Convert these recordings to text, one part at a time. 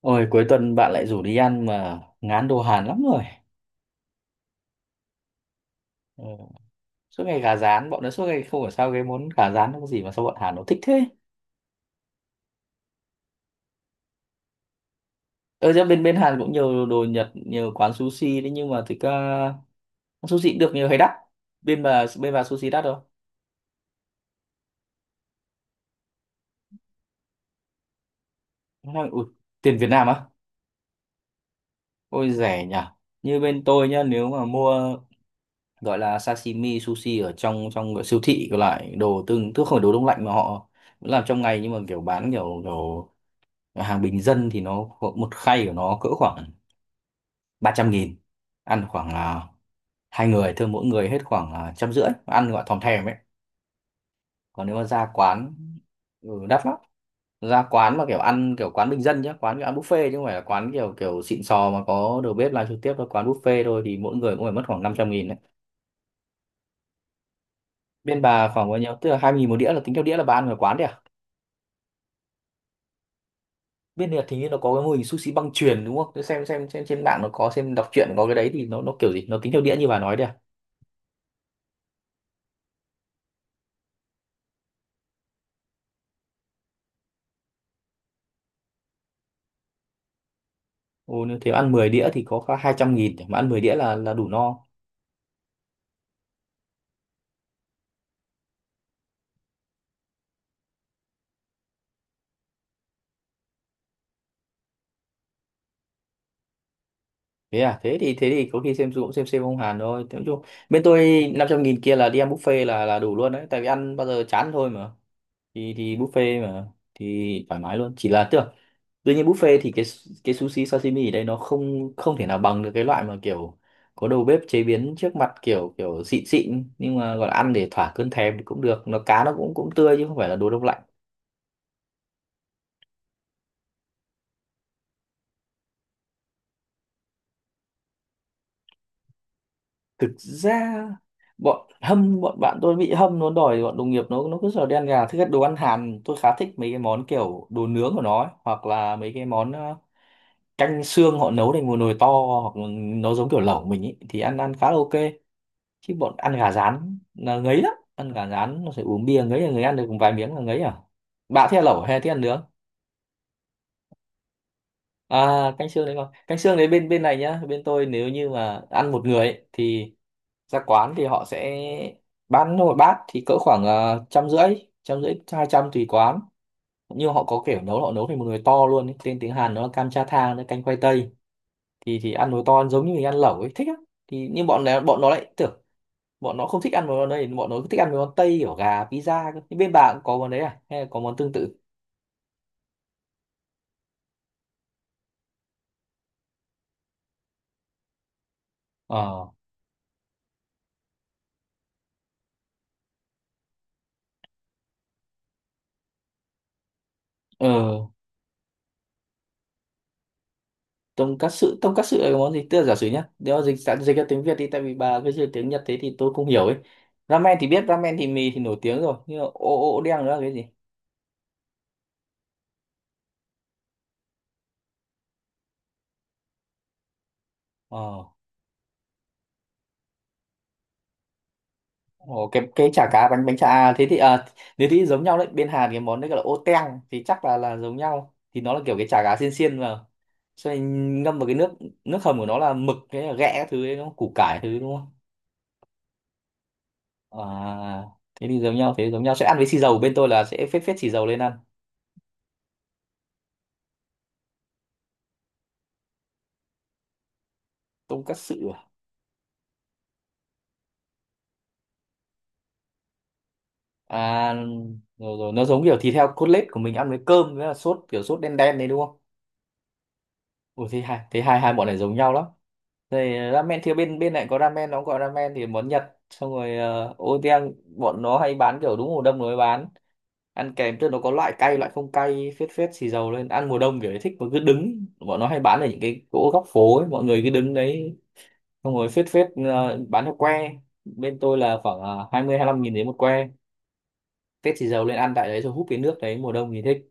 Ôi cuối tuần bạn lại rủ đi ăn mà ngán đồ Hàn lắm rồi. Ừ. Suốt ngày gà rán, bọn nó suốt ngày không hiểu sao cái món gà rán nó có gì mà sao bọn Hàn nó thích thế. Ở ra bên bên Hàn cũng nhiều đồ Nhật, nhiều quán sushi đấy, nhưng mà thực ra sushi cũng được nhiều hay đắt. Bên bà sushi đắt không? Nó nói, ui, tiền Việt Nam á? Ôi rẻ nhỉ. Như bên tôi nhá, nếu mà mua gọi là sashimi sushi ở trong trong siêu thị có lại đồ tương, tức không phải đồ đông lạnh mà họ làm trong ngày, nhưng mà kiểu bán kiểu kiểu hàng bình dân thì nó có một khay của nó cỡ khoảng 300.000, ăn khoảng là hai người thôi, mỗi người hết khoảng là 150.000, ăn gọi thòm thèm ấy. Còn nếu mà ra quán, ừ, đắt lắm. Ra quán mà kiểu ăn kiểu quán bình dân nhá, quán kiểu ăn buffet chứ không phải là quán kiểu kiểu xịn sò mà có đầu bếp làm trực tiếp đâu, quán buffet thôi thì mỗi người cũng phải mất khoảng 500.000 đấy. Bên bà khoảng bao nhiêu, tức là 2.000 một đĩa, là tính theo đĩa, là bà ăn ở quán đấy à? Bên Nhật thì như nó có cái mô hình sushi băng chuyền đúng không? Thế xem xem trên mạng nó có, xem đọc truyện có cái đấy, thì nó kiểu gì? Nó tính theo đĩa như bà nói đấy à? Ồ, nếu thế ăn 10 đĩa thì có khoảng 200.000, mà ăn 10 đĩa là đủ no. Thế à, thế thì có khi xem cũng xem ông Hàn thôi. Thế nói chung bên tôi 500.000 kia là đi ăn buffet là đủ luôn đấy, tại vì ăn bao giờ chán thôi mà, thì buffet mà, thì thoải mái luôn, chỉ là tưởng tuy nhiên buffet thì cái sushi sashimi ở đây nó không không thể nào bằng được cái loại mà kiểu có đầu bếp chế biến trước mặt kiểu kiểu xịn xịn, nhưng mà gọi là ăn để thỏa cơn thèm thì cũng được, nó cá nó cũng cũng tươi chứ không phải là đồ đông lạnh. Thực ra bọn bạn tôi bị hâm, nó đòi, bọn đồng nghiệp nó cứ sợ đen gà. Thứ nhất đồ ăn Hàn tôi khá thích mấy cái món kiểu đồ nướng của nó ấy, hoặc là mấy cái món canh xương họ nấu thành một nồi to, hoặc là nó giống kiểu lẩu mình ấy, thì ăn ăn khá là ok. Chứ bọn ăn gà rán là ngấy lắm, ăn gà rán nó phải uống bia, ngấy là người, ăn được vài miếng là ngấy à. Bạn thích ăn lẩu hay thích ăn nướng? À canh xương đấy, con canh xương đấy, bên bên này nhá, bên tôi nếu như mà ăn một người ấy, thì ra quán thì họ sẽ bán một bát thì cỡ khoảng trăm rưỡi, trăm rưỡi hai trăm tùy quán. Nhưng họ có kiểu nấu họ nấu thành một nồi to luôn ấy. Tên tiếng Hàn nó là cam cha thang, nó canh khoai tây, thì ăn nồi to giống như mình ăn lẩu ấy, thích á. Thì nhưng bọn này bọn nó lại tưởng bọn nó không thích ăn mấy món này, bọn nó thích ăn mấy món tây kiểu gà pizza cơ. Nhưng bên bạn cũng có món đấy à, hay là có món tương tự? Ờ, ừ. Tonkatsu, tonkatsu là cái món gì, tức là giả sử nhá nếu mà dịch sẵn dịch ra tiếng Việt đi, tại vì bà cứ dịch tiếng Nhật thế thì tôi không hiểu ấy. Ramen thì biết, ramen thì mì thì nổi tiếng rồi, nhưng mà ô, ô đen nữa là cái gì? Ờ. Ồ, cái chả cá, bánh bánh chả à, thế thì à nếu thì giống nhau đấy, bên Hàn cái món đấy gọi là ô teng, thì chắc là giống nhau, thì nó là kiểu cái chả cá xiên xiên mà. Xong ngâm vào cái nước, nước hầm của nó là mực, cái là ghẹ các thứ ấy, đúng không? Củ cải thứ đúng không? À thế thì giống nhau, thế thì giống nhau, sẽ ăn với xì dầu, bên tôi là sẽ phết phết xì dầu lên ăn. Tonkatsu. À, rồi, rồi nó giống kiểu thịt heo cốt lết của mình, ăn với cơm với là sốt kiểu sốt đen đen đấy đúng không? Ủa thế hai, thế hai hai bọn này giống nhau lắm. Rồi ramen thì bên bên này có ramen, nó cũng gọi ramen, thì món Nhật, xong rồi oden bọn nó hay bán kiểu đúng mùa đông nó mới bán, ăn kèm tức nó có loại cay loại không cay, phết phết xì dầu lên ăn mùa đông kiểu ấy thích. Mà cứ đứng bọn nó hay bán ở những cái chỗ góc phố ấy, mọi người cứ đứng đấy, xong rồi phết phết bán theo que. Bên tôi là khoảng 20-25 nghìn đến một que, phết xì dầu lên ăn tại đấy rồi húp cái nước đấy, mùa đông thì thích.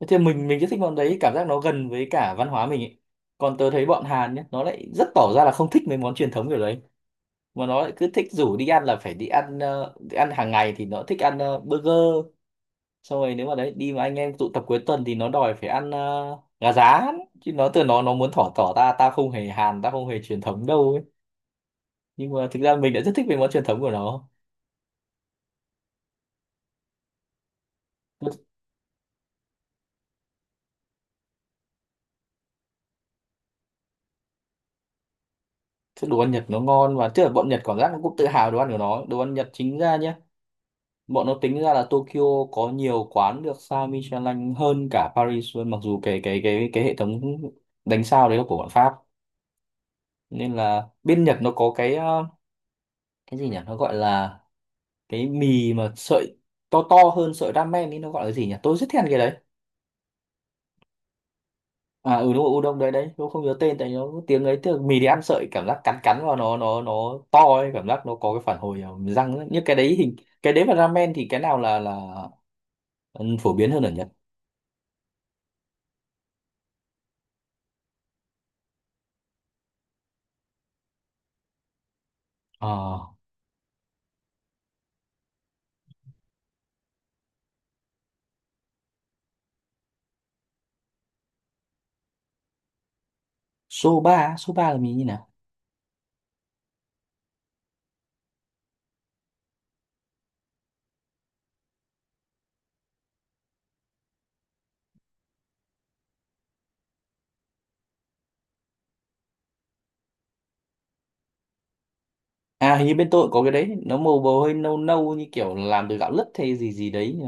Thế thì mình rất thích bọn đấy, cảm giác nó gần với cả văn hóa mình ấy. Còn tớ thấy bọn Hàn nhé, nó lại rất tỏ ra là không thích mấy món truyền thống kiểu đấy, mà nó lại cứ thích rủ đi ăn là phải đi ăn, đi ăn hàng ngày thì nó thích ăn burger. Xong rồi nếu mà đấy đi mà anh em tụ tập cuối tuần thì nó đòi phải ăn gà rán, chứ nó từ nó muốn thỏ tỏ ta ta không hề Hàn, ta không hề truyền thống đâu ấy. Nhưng mà thực ra mình đã rất thích mấy món truyền thống của nó. Đồ ăn Nhật nó ngon, và tức là bọn Nhật cảm giác nó cũng tự hào đồ ăn của nó. Đồ ăn Nhật chính ra nhá, bọn nó tính ra là Tokyo có nhiều quán được sao Michelin hơn cả Paris luôn, mặc dù cái cái hệ thống đánh sao đấy là của bọn Pháp. Nên là bên Nhật nó có cái cái gì nhỉ, nó gọi là cái mì mà sợi to, to hơn sợi ramen ấy, nó gọi là gì nhỉ, tôi rất thèm cái đấy. À ừ đúng rồi, udon đấy đấy, tôi không nhớ tên tại nó tiếng ấy, tức là mì đi ăn sợi cảm giác cắn cắn vào nó nó to ấy, cảm giác nó có cái phản hồi ở răng ấy. Như cái đấy hình cái đấy và ramen thì cái nào là ừ, phổ biến hơn ở Nhật? Ờ. Số ba á, số ba là mình như nào? À hình như bên tôi cũng có cái đấy, nó màu bầu hơi nâu nâu như kiểu làm từ gạo lứt hay gì gì đấy nhỉ?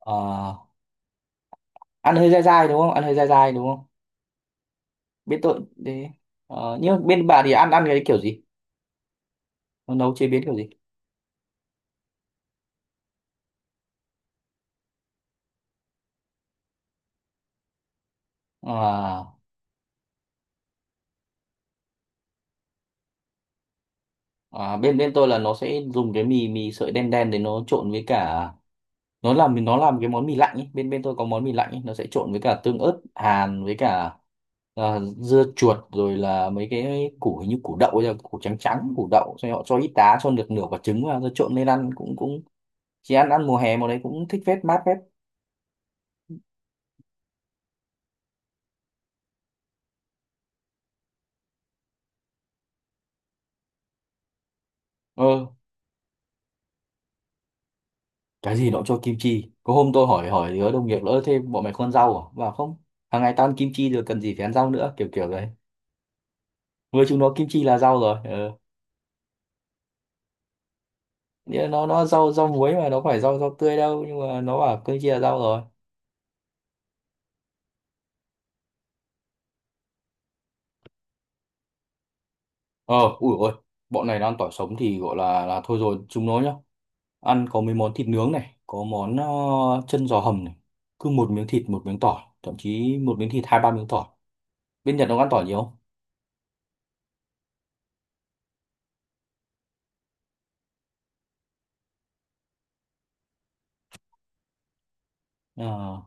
Ờ, ăn hơi dai dai đúng không? Ăn hơi dai dai đúng không? Bên tôi đấy. Ờ, nhưng mà bên bà thì ăn ăn cái kiểu gì? Nó nấu chế biến kiểu gì? À, à, bên bên tôi là nó sẽ dùng cái mì, mì sợi đen đen để nó trộn với cả, nó làm, nó làm cái món mì lạnh ấy. Bên bên tôi có món mì lạnh ấy. Nó sẽ trộn với cả tương ớt hàn với cả, à, dưa chuột, rồi là mấy cái củ hình như củ đậu ấy, củ trắng trắng củ đậu, xong rồi họ cho ít đá, cho được nửa quả trứng vào rồi trộn lên ăn cũng cũng chỉ ăn ăn mùa hè, mùa đấy cũng thích, phết mát phết. Ờ cái gì nó cũng cho kim chi, có hôm tôi hỏi hỏi đứa đồng nghiệp nữa thêm, bọn mày không ăn rau à, bảo không, hàng ngày tao ăn kim chi rồi cần gì phải ăn rau nữa kiểu kiểu đấy, với chúng nó kim chi là rau rồi. Ờ nghĩa là nó rau, rau muối mà nó phải rau, rau tươi đâu, nhưng mà nó bảo kim chi là rau rồi. Ờ, ui ôi, bọn này đang tỏi sống thì gọi là thôi rồi, chúng nó nhá. Ăn có mấy món thịt nướng này, có món chân giò hầm này. Cứ một miếng thịt, một miếng tỏi, thậm chí một miếng thịt 2-3 miếng tỏi. Bên Nhật nó ăn tỏi nhiều không? Ờ,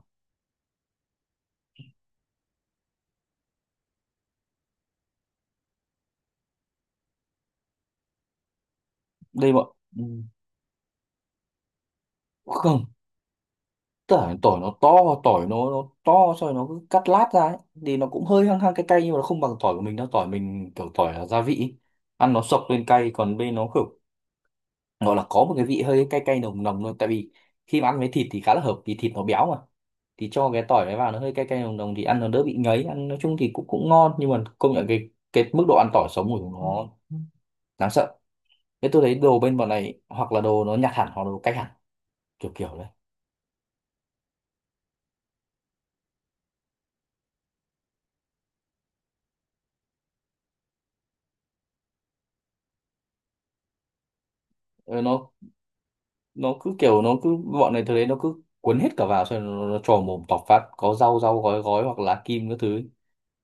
đây bọn, ừ, không, tỏi tỏi nó to, tỏi nó to, xong rồi nó cứ cắt lát ra ấy. Thì nó cũng hơi hăng hăng cay cay, nhưng mà nó không bằng tỏi của mình đâu, tỏi mình kiểu tỏi là gia vị. Ăn nó sộc lên cay, còn bên nó kiểu gọi là có một cái vị hơi cay cay nồng nồng luôn. Tại vì khi mà ăn với thịt thì khá là hợp, vì thịt nó béo mà, thì cho cái tỏi đấy vào nó hơi cay cay nồng nồng thì ăn nó đỡ bị ngấy, ăn nói chung thì cũng cũng ngon. Nhưng mà công nhận cái mức độ ăn tỏi sống của chúng nó đáng sợ. Thế tôi thấy đồ bên bọn này hoặc là đồ nó nhặt hẳn hoặc là đồ cách hẳn kiểu kiểu đấy. Ờ, nó cứ kiểu nó cứ, bọn này tôi thấy nó cứ cuốn hết cả vào, xong rồi nó trò mồm tọc phát, có rau, rau gói gói hoặc là lá kim các thứ ấy,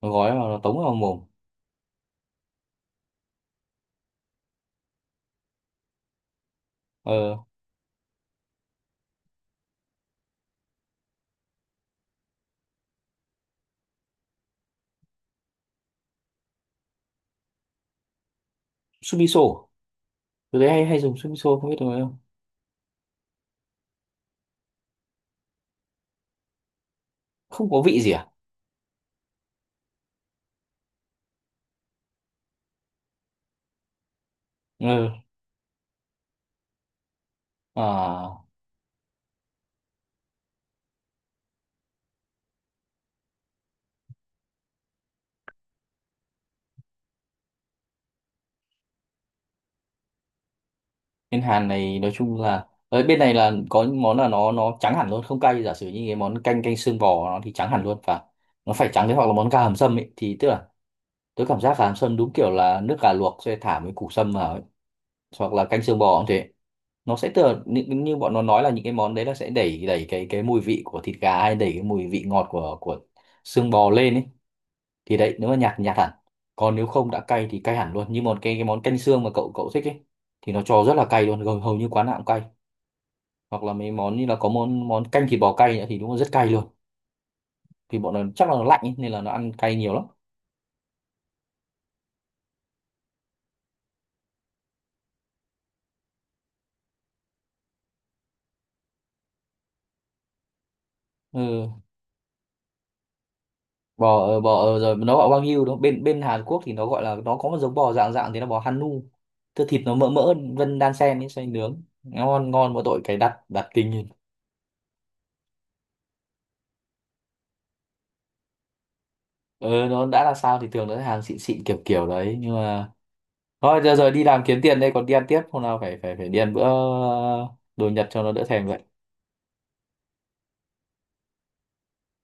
nó gói vào nó tống vào mồm. Ờ sumiso, tôi thấy hay hay dùng sumiso không biết được không? Không có vị gì à? Ừ. À, bên Hàn này nói chung là ở bên này là có những món là nó trắng hẳn luôn không cay, giả sử như cái món canh, canh xương bò nó thì trắng hẳn luôn và nó phải trắng thế, hoặc là món gà hầm sâm ấy, thì tức là tôi cảm giác gà hầm sâm đúng kiểu là nước gà luộc sẽ thả mấy củ sâm vào ấy. Hoặc là canh xương bò cũng thế, nó sẽ tựa như, như bọn nó nói là những cái món đấy là sẽ đẩy đẩy cái mùi vị của thịt gà hay đẩy cái mùi vị ngọt của xương bò lên ấy. Thì đấy nếu mà nhạt thì nhạt hẳn, còn nếu không đã cay thì cay hẳn luôn như một cái món canh xương mà cậu cậu thích ấy, thì nó cho rất là cay luôn, gần hầu như quán nào cũng cay. Hoặc là mấy món như là có món món canh thịt bò cay nữa thì đúng là rất cay luôn. Thì bọn nó chắc là nó lạnh ấy, nên là nó ăn cay nhiều lắm. Ừ. Bò bò rồi nó gọi wagyu đúng không? Bên bên Hàn Quốc thì nó gọi là, nó có một giống bò dạng dạng thế là bò Hanu. Tức thịt nó mỡ mỡ vân đan sen ấy, xoay nướng ngon ngon, mỗi tội cái đặt đặt kinh lên. Ờ nó đã là sao thì thường nó sẽ hàng xịn xịn kiểu kiểu đấy. Nhưng mà thôi giờ, giờ đi làm kiếm tiền đây, còn đi ăn tiếp hôm nào phải phải phải đi ăn bữa đồ Nhật cho nó đỡ thèm vậy.